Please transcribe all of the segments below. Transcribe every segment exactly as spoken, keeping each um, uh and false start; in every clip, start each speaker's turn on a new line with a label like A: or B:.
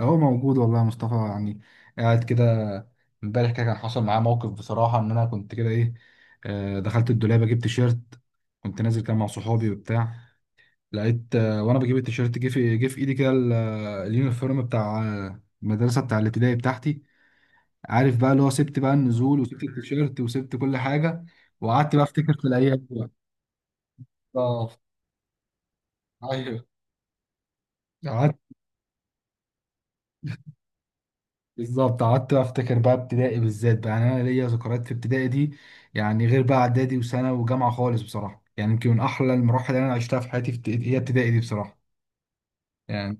A: هو موجود والله يا مصطفى، يعني قاعد كده. امبارح كده كان حصل معاه موقف بصراحة، ان انا كنت كده ايه، آه، دخلت الدولاب اجيب تيشيرت. كنت نازل كده مع صحابي وبتاع، لقيت آه، وانا بجيب التيشيرت جه في جه في ايدي كده ال- آه، اليونيفورم بتاع آه، المدرسة بتاع الابتدائي بتاعتي. عارف بقى اللي هو سبت بقى النزول وسبت التيشيرت وسبت كل حاجة، وقعدت بقى افتكر في الايام دي بقى. بالظبط، ايوه. قعدت، بالظبط قعدت افتكر بقى ابتدائي بالذات بقى، يعني انا ليا ذكريات في ابتدائي دي. يعني غير بقى اعدادي وسنه وجامعه خالص بصراحه، يعني يمكن من احلى المراحل اللي انا عشتها في حياتي في ابت- هي ابتدائي دي بصراحه. يعني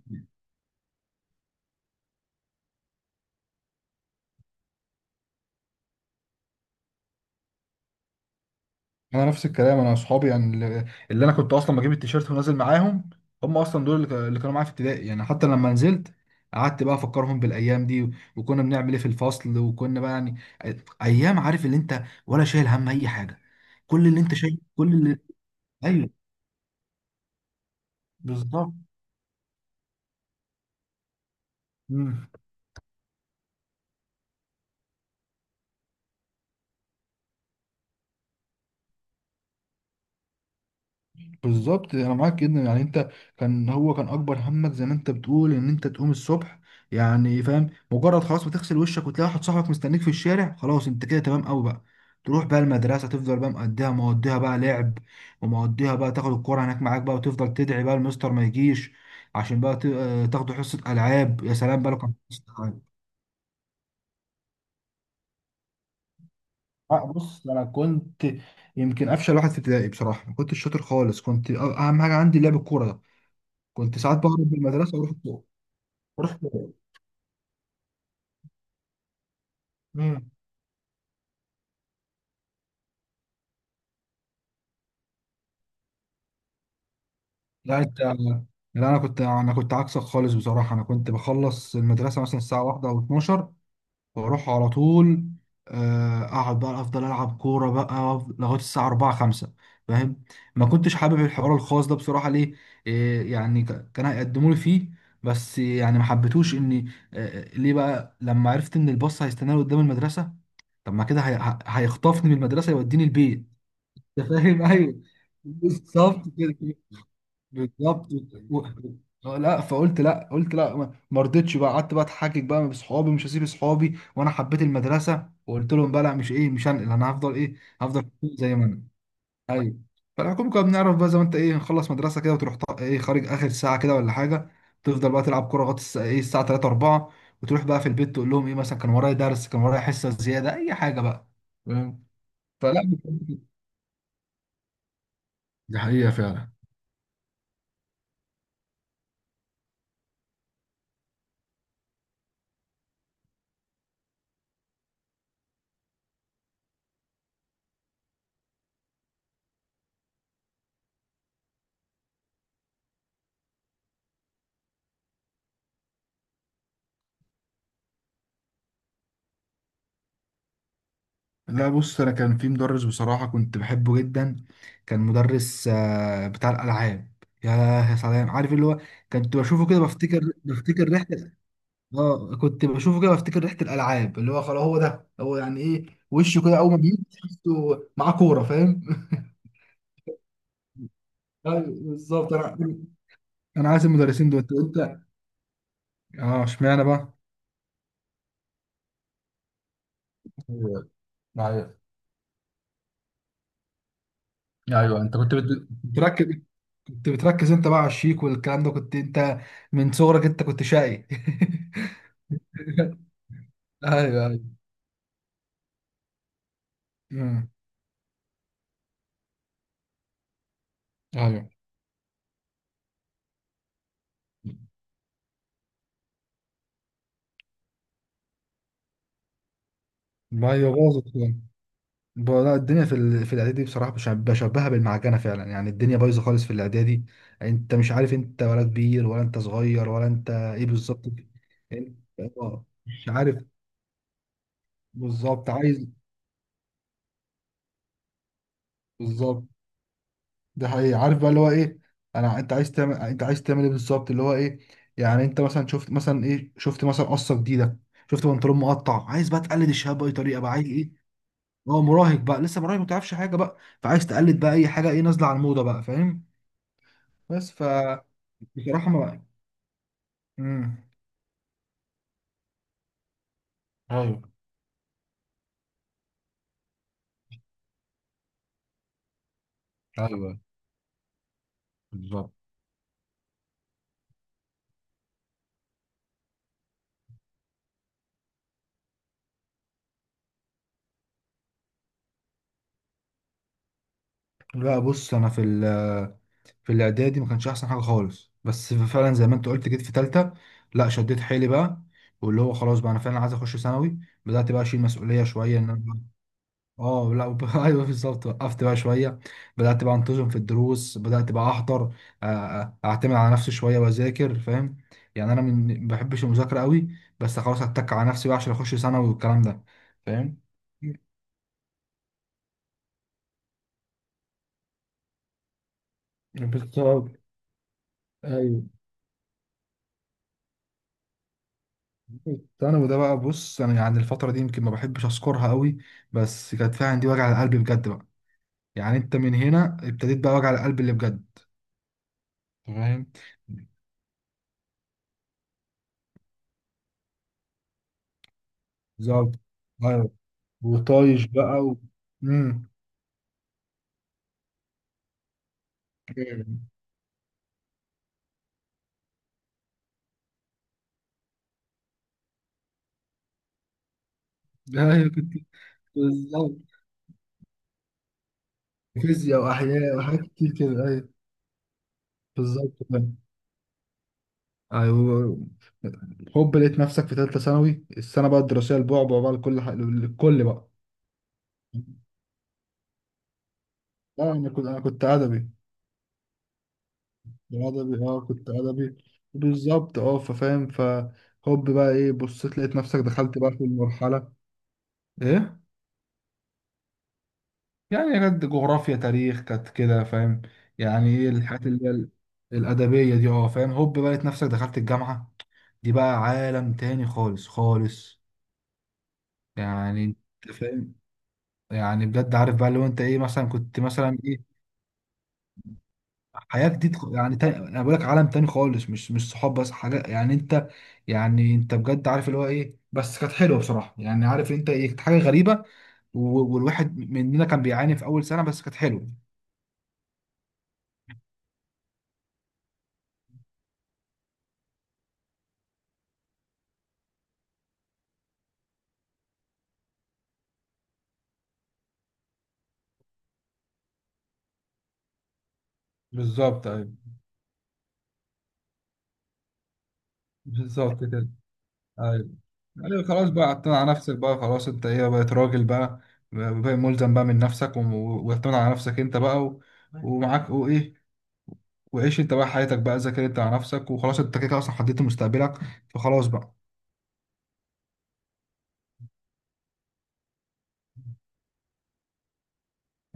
A: انا نفس الكلام، انا اصحابي يعني اللي اللي انا كنت اصلا بجيب التيشيرت ونازل معاهم، هم اصلا دول اللي ك- اللي كانوا معايا في ابتدائي. يعني حتى لما نزلت قعدت بقى افكرهم بالايام دي و- وكنا بنعمل ايه في الفصل، وكنا بقى يعني أي- ايام. عارف اللي انت ولا شايل هم اي حاجه، كل اللي انت شايل كل اللي، ايوه، بالظبط. مم. بالظبط انا معاك جدا، يعني انت كان، هو كان اكبر همك زي ما انت بتقول، ان انت تقوم الصبح. يعني فاهم، مجرد خلاص ما تغسل وشك وتلاقي واحد صاحبك مستنيك في الشارع، خلاص انت كده تمام قوي بقى. تروح بقى المدرسه، تفضل بقى مقضيها، مقضيها بقى لعب، ومقضيها بقى تاخد الكوره هناك معاك بقى، وتفضل تدعي بقى المستر ما يجيش عشان بقى ت- آه، تاخدوا حصه العاب. يا سلام بقى لو كان في حصه ألعاب. آه، بص انا كنت يمكن افشل واحد في ابتدائي بصراحه، ما كنتش شاطر خالص. كنت أ- اهم حاجه عندي لعب الكوره ده. كنت ساعات بهرب من المدرسه واروح الكوره. رحت. مم. لا انت، لا. انا كنت انا كنت عكسك خالص بصراحه. انا كنت بخلص المدرسه مثلا الساعه واحدة او اتناشر، واروح على طول. آه، اقعد بقى افضل العب كوره بقى لغايه الساعه اربعة خمسة. فاهم، ما كنتش حابب الحوار الخاص ده بصراحه. ليه؟ إيه يعني، ك- كان هيقدموا لي فيه. بس يعني ما حبيتوش اني، آه، آه، ليه بقى؟ لما عرفت ان الباص هيستناني قدام المدرسه، طب ما كده هي- هيخطفني من المدرسه يوديني البيت. انت فاهم؟ ايوه، بالظبط كده. بالظبط و... و- آه، لا، فقلت لا، قلت لا. ما ما رضيتش بقى، قعدت بقى اتحجج بقى بصحابي، مش هسيب صحابي، وانا حبيت المدرسه، وقلت لهم بقى لا، مش ايه، مش هنقل، انا هفضل ايه، هفضل زي ما انا. ايوه، فالحكومه كنا بنعرف بقى زي ما انت ايه، نخلص مدرسه كده وتروح ط- ايه خارج اخر ساعه كده ولا حاجه، تفضل بقى تلعب كوره لغايه الس- ايه الساعه تلاتة اربعة، وتروح بقى في البيت تقول لهم ايه، مثلا كان ورايا درس، كان ورايا حصه زياده، اي حاجه بقى. فاهم؟ فلا، دي حقيقه فعلا. لا بص، انا كان في مدرس بصراحه كنت بحبه جدا. كان مدرس آه، بتاع الالعاب. يا يا سلام، عارف اللي هو، كنت بشوفه كده بفتكر، بفتكر ريحه. اه، كنت بشوفه كده بفتكر ريحه الالعاب، اللي هو خلاص هو ده هو، يعني ايه، وشه كده اول ما بيجي تحسه معاه كوره. فاهم؟ ايوه، بالظبط. انا، انا عايز المدرسين دول انت. اه، اشمعنى بقى؟ أيوة. ايوه، انت كنت بت... بتركز، كنت بتركز انت بقى على الشيك والكلام ده. كنت انت من صغرك انت كنت شقي. ايوه، ايوه. مم. ايوه، ما هي باظت يعني. ب- لا، الدنيا في ال- في الاعدادي بصراحه، بش- بشبهها بالمعجنه فعلا. يعني الدنيا بايظه خالص في الاعدادي، انت مش عارف انت ولا كبير ولا انت صغير ولا انت ايه بالظبط. انت- اه، مش عارف. بالظبط عايز، بالظبط. ده حقيقي. عارف بقى اللي هو ايه، انا انت عايز تعمل، انت عايز تعمل ايه بالظبط، اللي هو ايه؟ يعني انت مثلا شفت مثلا ايه، شفت مثلا قصه جديده، شفت بنطلون مقطع، عايز بقى تقلد الشباب باي طريقه بقى، عايز ايه. هو مراهق بقى، لسه مراهق، ما تعرفش حاجه بقى، فعايز تقلد بقى اي حاجه ايه نازله على الموضه بقى. فاهم؟ بس ف بصراحه، ما، امم ايوه، ايوه، بالظبط. لا بص، انا في ال في الاعدادي ما كانش احسن حاجه خالص، بس فعلا زي ما انت قلت، جيت في تالتة، لا شديت حيلي بقى. واللي هو خلاص بقى، انا فعلا عايز اخش ثانوي. بدات بقى اشيل مسؤوليه شويه ان انا اه لا وب- ايوه بالظبط، وقفت بقى شويه. بدات بقى انتظم في الدروس، بدات بقى احضر، آه، اعتمد على نفسي شويه واذاكر. فاهم؟ يعني انا من، ما بحبش المذاكره قوي، بس خلاص اتك على نفسي بقى عشان اخش ثانوي والكلام ده. فاهم؟ بالظبط، ايوه. الثانوي ده بقى، بص انا يعني الفتره دي يمكن ما بحبش اذكرها قوي، بس كانت فيها عندي وجع القلب بجد بقى. يعني انت من هنا ابتديت بقى وجع القلب اللي بجد. فاهم؟ بالظبط، ايوه، وطايش بقى و... امم ايوه، كنت، بالظبط، فيزياء واحياء وحاجات كتير كده، ايوه، بالظبط، فاهم. ايوه، هوب لقيت نفسك في ثالثه ثانوي، السنه بقى الدراسيه البعبع بقى، لكل ح... لكل بقى. لا، انا كنت انا كنت ادبي. الأدبي، اه كنت أدبي، بالظبط. اه، ففاهم، فهوب بقى ايه، بصيت لقيت نفسك دخلت بقى في المرحلة. ايه، يعني كانت جغرافيا، تاريخ، كانت كده. فاهم؟ يعني ايه الحاجات اللي هي ال- الأدبية دي، اه، فاهم. هوب بقى لقيت نفسك دخلت الجامعة. دي بقى عالم تاني خالص خالص. يعني انت فاهم، يعني بجد عارف بقى لو انت ايه، مثلا كنت مثلا إيه، حياة جديد، خ- يعني تاني، انا بقول لك عالم تاني خالص. مش، مش صحاب بس حاجة يعني انت، يعني انت بجد عارف اللي هو ايه. بس كانت حلوة بصراحة، يعني عارف انت، ايه، كانت حاجة غريبة. و- والواحد مننا كان بيعاني في اول سنة، بس كانت حلوة. بالظبط، ايوه، بالظبط كده، ايوه، ايوه، خلاص بقى. اعتمد على نفسك بقى خلاص، انت ايه، بقيت راجل بقى، بقى ملزم بقى من نفسك وم- واعتمد على نفسك انت بقى و... ومعاك، وايه، وعيش انت بقى حياتك بقى، ذاكر انت على نفسك، وخلاص انت كده كده اصلا حددت مستقبلك، فخلاص بقى.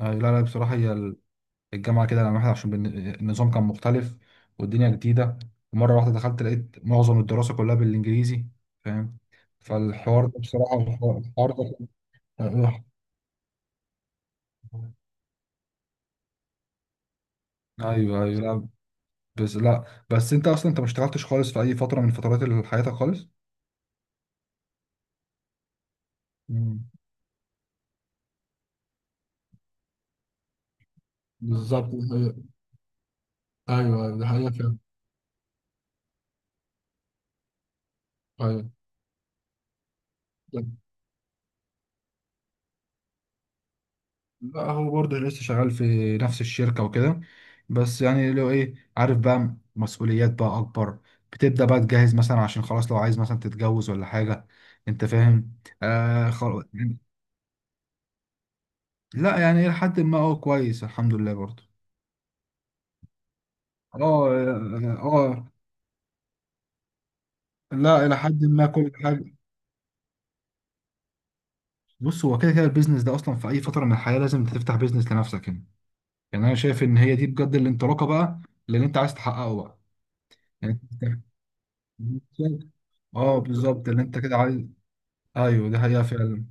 A: أيوة، لا لا، بصراحة هي الجامعة كده لما واحد، عشان بالن- النظام كان مختلف، والدنيا جديدة، ومرة واحدة دخلت لقيت معظم الدراسة كلها بالإنجليزي. فاهم؟ فالحوار ده بصراحة، الحوار الحوار ده، أيوه أيوه، لا بس، لا بس، أنت أصلا أنت ما اشتغلتش خالص في أي فترة من فترات ال- حياتك خالص؟ مم. بالظبط، دي حقيقة. ايوه ايوه، دي حقيقة فعلا. ايوه، لا هو برضه لسه شغال في نفس الشركة وكده، بس يعني لو ايه، عارف بقى مسؤوليات بقى أكبر، بتبدأ بقى تجهز مثلا، عشان خلاص لو عايز مثلا تتجوز ولا حاجة. أنت فاهم؟ آه، خلاص يعني. لا يعني إلى حد ما هو كويس، الحمد لله، برضه. اه اه، آه، لا، إلى حد ما كل حاجة. بص، هو كده كده البيزنس ده أصلا في أي فترة من الحياة لازم تفتح بيزنس لنفسك. يعني، يعني أنا شايف إن هي دي بجد الانطلاقة بقى للي أنت عايز تحققه بقى. يعني بالظبط. اه بالظبط اللي انت كده عايز، ايوه دي حقيقة فعلا.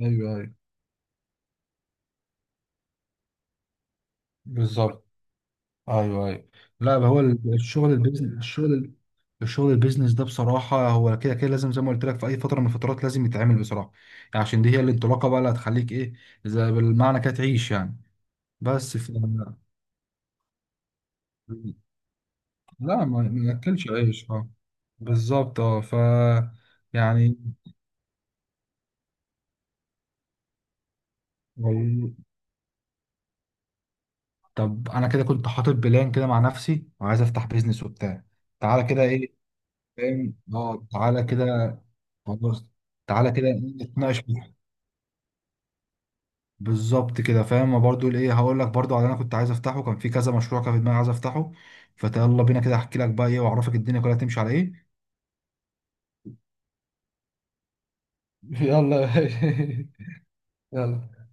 A: ايوه ايوه، بالظبط، ايوه ايوه. لا هو ال- الشغل البيزنس الشغل الشغل البيزنس ده بصراحة، هو كده كده لازم زي ما قلت لك في أي فترة من الفترات لازم يتعمل بصراحة. يعني عشان دي هي الانطلاقة بقى اللي هتخليك إيه، زي بالمعنى كده تعيش يعني. بس ف... لا ما ما ناكلش عيش، اه، بالظبط، اه ف، يعني. طب انا كده كنت حاطط بلان كده مع نفسي وعايز افتح بيزنس وبتاع. تعالى كده ايه، فاهم، اه تعالى كده. خلاص، تعالى كده إيه، نتناقش فيه. بالظبط كده، فاهم. ما برضو ايه، هقول لك برضو على اللي انا كنت عايز افتحه، كان في كذا مشروع كان في دماغي عايز افتحه. فيلا بينا كده احكي لك بقى ايه، واعرفك الدنيا كلها تمشي على ايه. يلا يا باشا. يلا